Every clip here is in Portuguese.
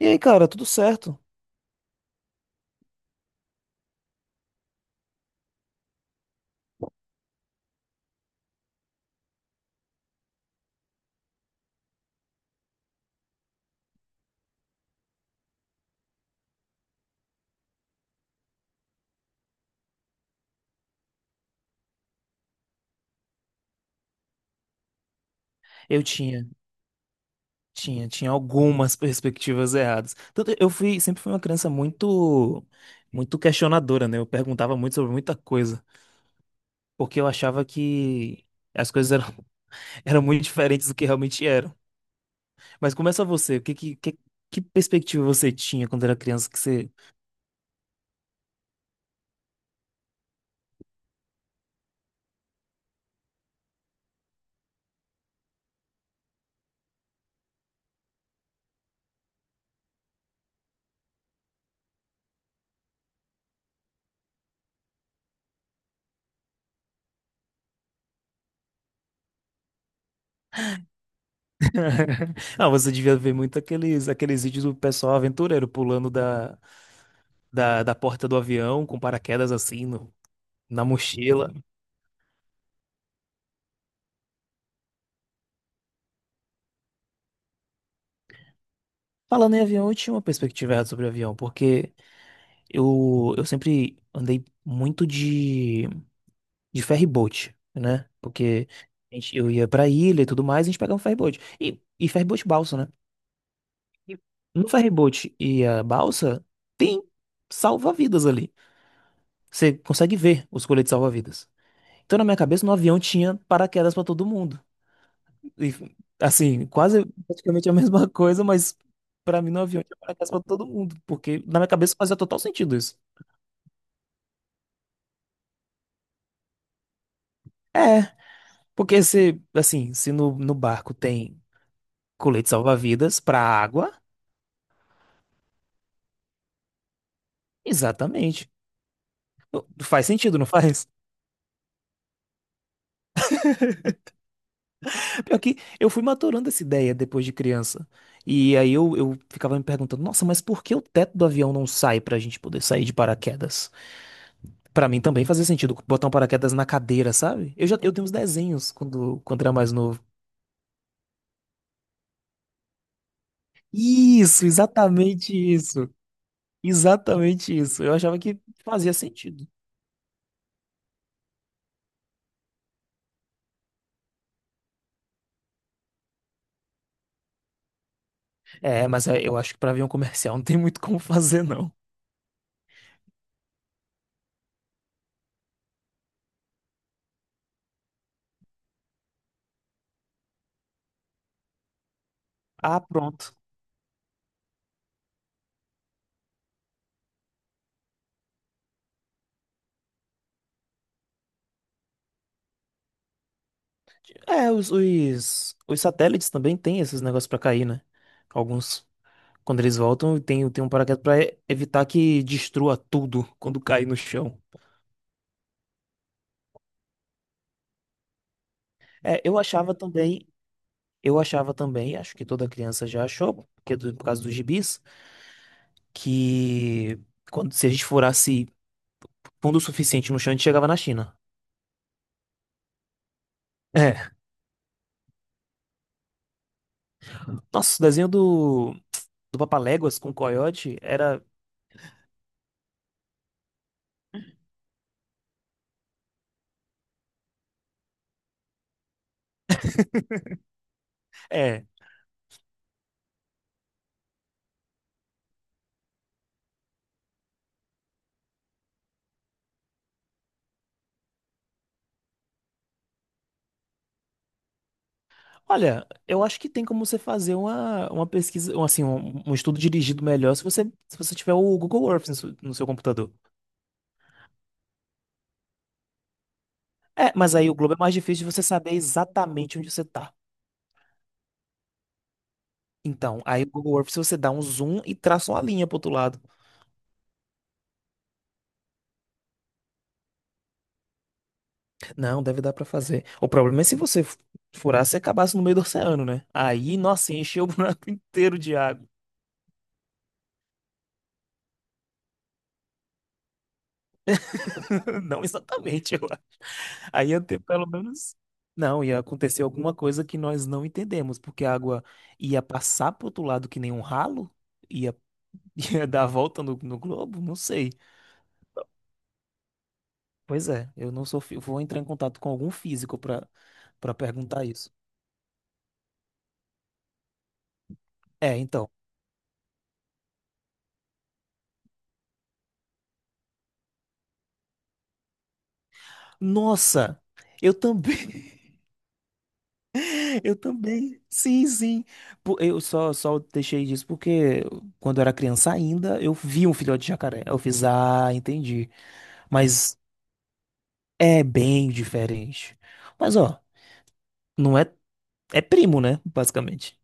E aí, cara, tudo certo? Eu tinha. Tinha algumas perspectivas erradas. Tanto eu fui, sempre fui uma criança muito questionadora, né? Eu perguntava muito sobre muita coisa, porque eu achava que as coisas eram muito diferentes do que realmente eram. Mas começa você, o que, que perspectiva você tinha quando era criança que você... Ah, você devia ver muito aqueles vídeos do pessoal aventureiro pulando da porta do avião com paraquedas assim no, na mochila. Falando em avião, eu tinha uma perspectiva errada sobre avião, porque eu sempre andei muito de ferry boat, né? Porque eu ia pra ilha e tudo mais, a gente pegava um ferry boat. E ferry boat balsa, né? E no ferry boat e a balsa tem salva-vidas ali. Você consegue ver os coletes salva-vidas. Então, na minha cabeça, no avião tinha paraquedas pra todo mundo. E, assim, quase praticamente a mesma coisa, mas pra mim no avião tinha paraquedas pra todo mundo. Porque na minha cabeça fazia total sentido isso. É. Porque se, assim, se no barco tem colete salva-vidas pra água, exatamente. Faz sentido, não faz? Pior que eu fui maturando essa ideia depois de criança. E aí eu ficava me perguntando, nossa, mas por que o teto do avião não sai pra gente poder sair de paraquedas? Pra mim também fazia sentido botar um paraquedas na cadeira, sabe? Eu tenho uns desenhos quando era mais novo. Isso, exatamente isso. Exatamente isso. Eu achava que fazia sentido. Mas eu acho que pra avião comercial não tem muito como fazer, não. Ah, pronto. É, os satélites também têm esses negócios pra cair, né? Alguns, quando eles voltam, tem um paraquedas pra evitar que destrua tudo quando cair no chão. É, eu achava também, acho que toda criança já achou, porque por causa dos gibis, que quando se a gente furasse fundo o suficiente no chão, a gente chegava na China. É. Nossa, o desenho do Papaléguas com o Coyote era. É. Olha, eu acho que tem como você fazer uma pesquisa, um, assim, um estudo dirigido melhor se você tiver o Google Earth no seu computador. É, mas aí o globo é mais difícil de você saber exatamente onde você tá. Então, aí o Google Earth, se você dá um zoom e traça uma linha pro outro lado. Não, deve dar pra fazer. O problema é se você furasse e acabasse no meio do oceano, né? Aí, nossa, encheu o buraco inteiro de água. Não exatamente. Aí ia ter pelo menos. Não, ia acontecer alguma coisa que nós não entendemos, porque a água ia passar pro outro lado que nem um ralo? Ia, ia dar a volta no globo? Não sei. Pois é, eu não sou. Fi- Vou entrar em contato com algum físico para perguntar isso. É, então. Nossa! Eu também. Eu também. Sim, sim. Eu só deixei disso porque quando eu era criança ainda, eu vi um filhote de jacaré. Eu fiz, ah, entendi. Mas. É bem diferente. Mas, ó, não é. É primo, né? Basicamente.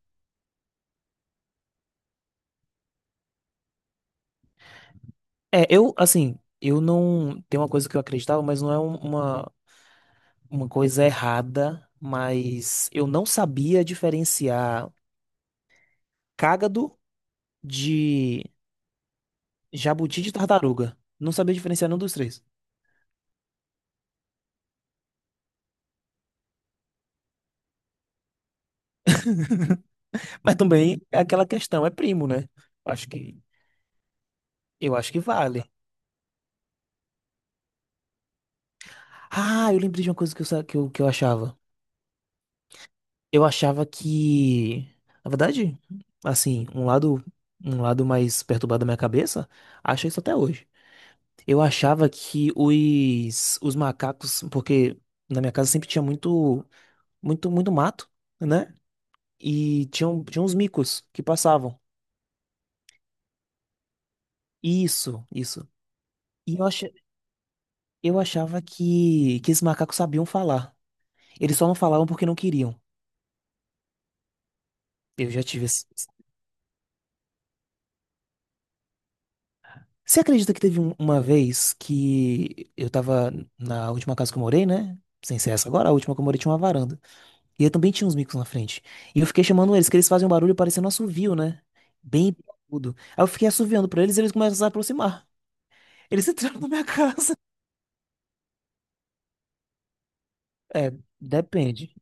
É, eu, assim, eu não. Tem uma coisa que eu acreditava, mas não é uma coisa errada. Mas eu não sabia diferenciar cágado de jabuti de tartaruga. Não sabia diferenciar nenhum dos três. Mas também é aquela questão, é primo, né? Acho que. Eu acho que vale. Ah, eu lembrei de uma coisa que eu, sa- que eu achava. Eu achava que, na verdade, assim, um lado mais perturbado da minha cabeça, acha isso até hoje. Eu achava que os macacos, porque na minha casa sempre tinha muito mato, né? E tinha uns micos que passavam. Isso, isso. E eu achava que esses macacos sabiam falar. Eles só não falavam porque não queriam. Eu já tive esse. Você acredita que teve uma vez que eu tava na última casa que eu morei, né? Sem ser essa agora, a última que eu morei tinha uma varanda. E eu também tinha uns micos na frente. E eu fiquei chamando eles, que eles fazem um barulho parecendo um assovio, né? Bem agudo. Aí eu fiquei assoviando pra eles e eles começam a se aproximar. Eles entraram na minha casa. É, depende.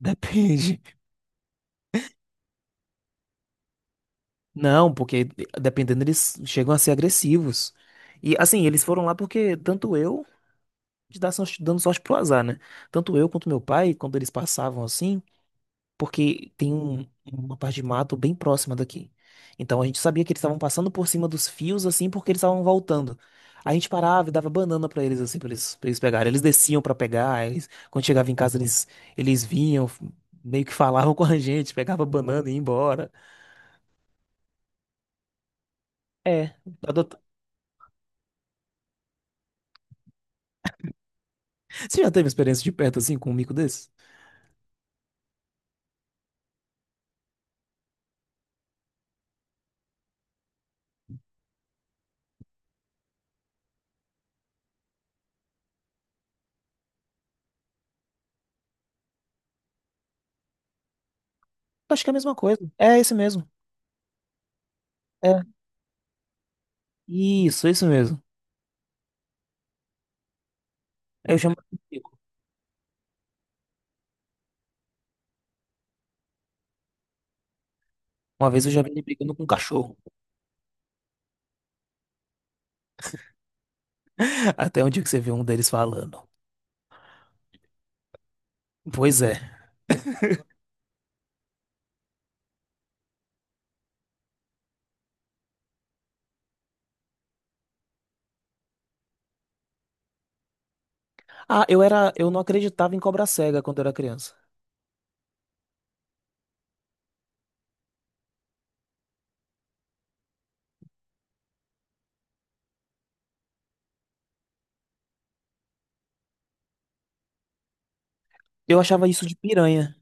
Depende. Não, porque dependendo, eles chegam a ser agressivos. E assim, eles foram lá porque tanto eu, dando sorte pro azar, né? Tanto eu quanto meu pai, quando eles passavam assim. Porque tem uma parte de mato bem próxima daqui. Então a gente sabia que eles estavam passando por cima dos fios assim porque eles estavam voltando. A gente parava e dava banana pra eles assim, pra eles pegarem. Eles desciam pra pegar, eles, quando chegava em casa eles vinham, meio que falavam com a gente, pegava banana e ia embora. É, adota- Você já teve experiência de perto assim com um mico desse? Acho que é a mesma coisa. É esse mesmo. É. Isso mesmo. Eu chamo de mico. Uma vez eu já vi ele brigando com um cachorro. Até onde que você viu um deles falando? Pois é. Ah, eu não acreditava em cobra cega quando eu era criança. Eu achava isso de piranha.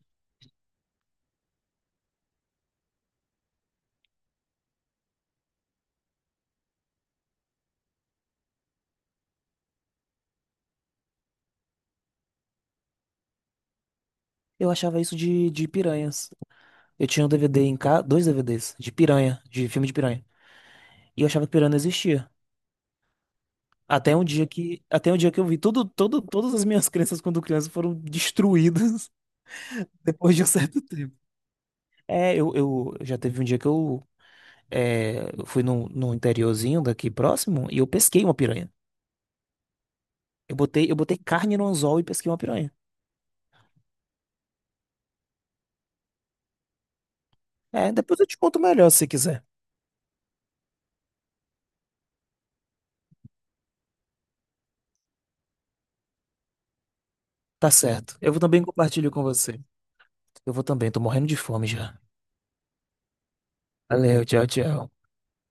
Eu achava isso de piranhas. Eu tinha um DVD em casa, dois DVDs de piranha, de filme de piranha. E eu achava que piranha não existia. Até um dia que eu vi tudo, todo, todas as minhas crenças quando criança foram destruídas depois de um certo tempo. É, eu já teve um dia que eu, é, eu fui num interiorzinho daqui próximo e eu pesquei uma piranha. Eu botei carne no anzol e pesquei uma piranha. É, depois eu te conto melhor se você quiser. Tá certo. Eu vou também compartilho com você. Eu vou também, tô morrendo de fome já. Valeu, tchau, tchau.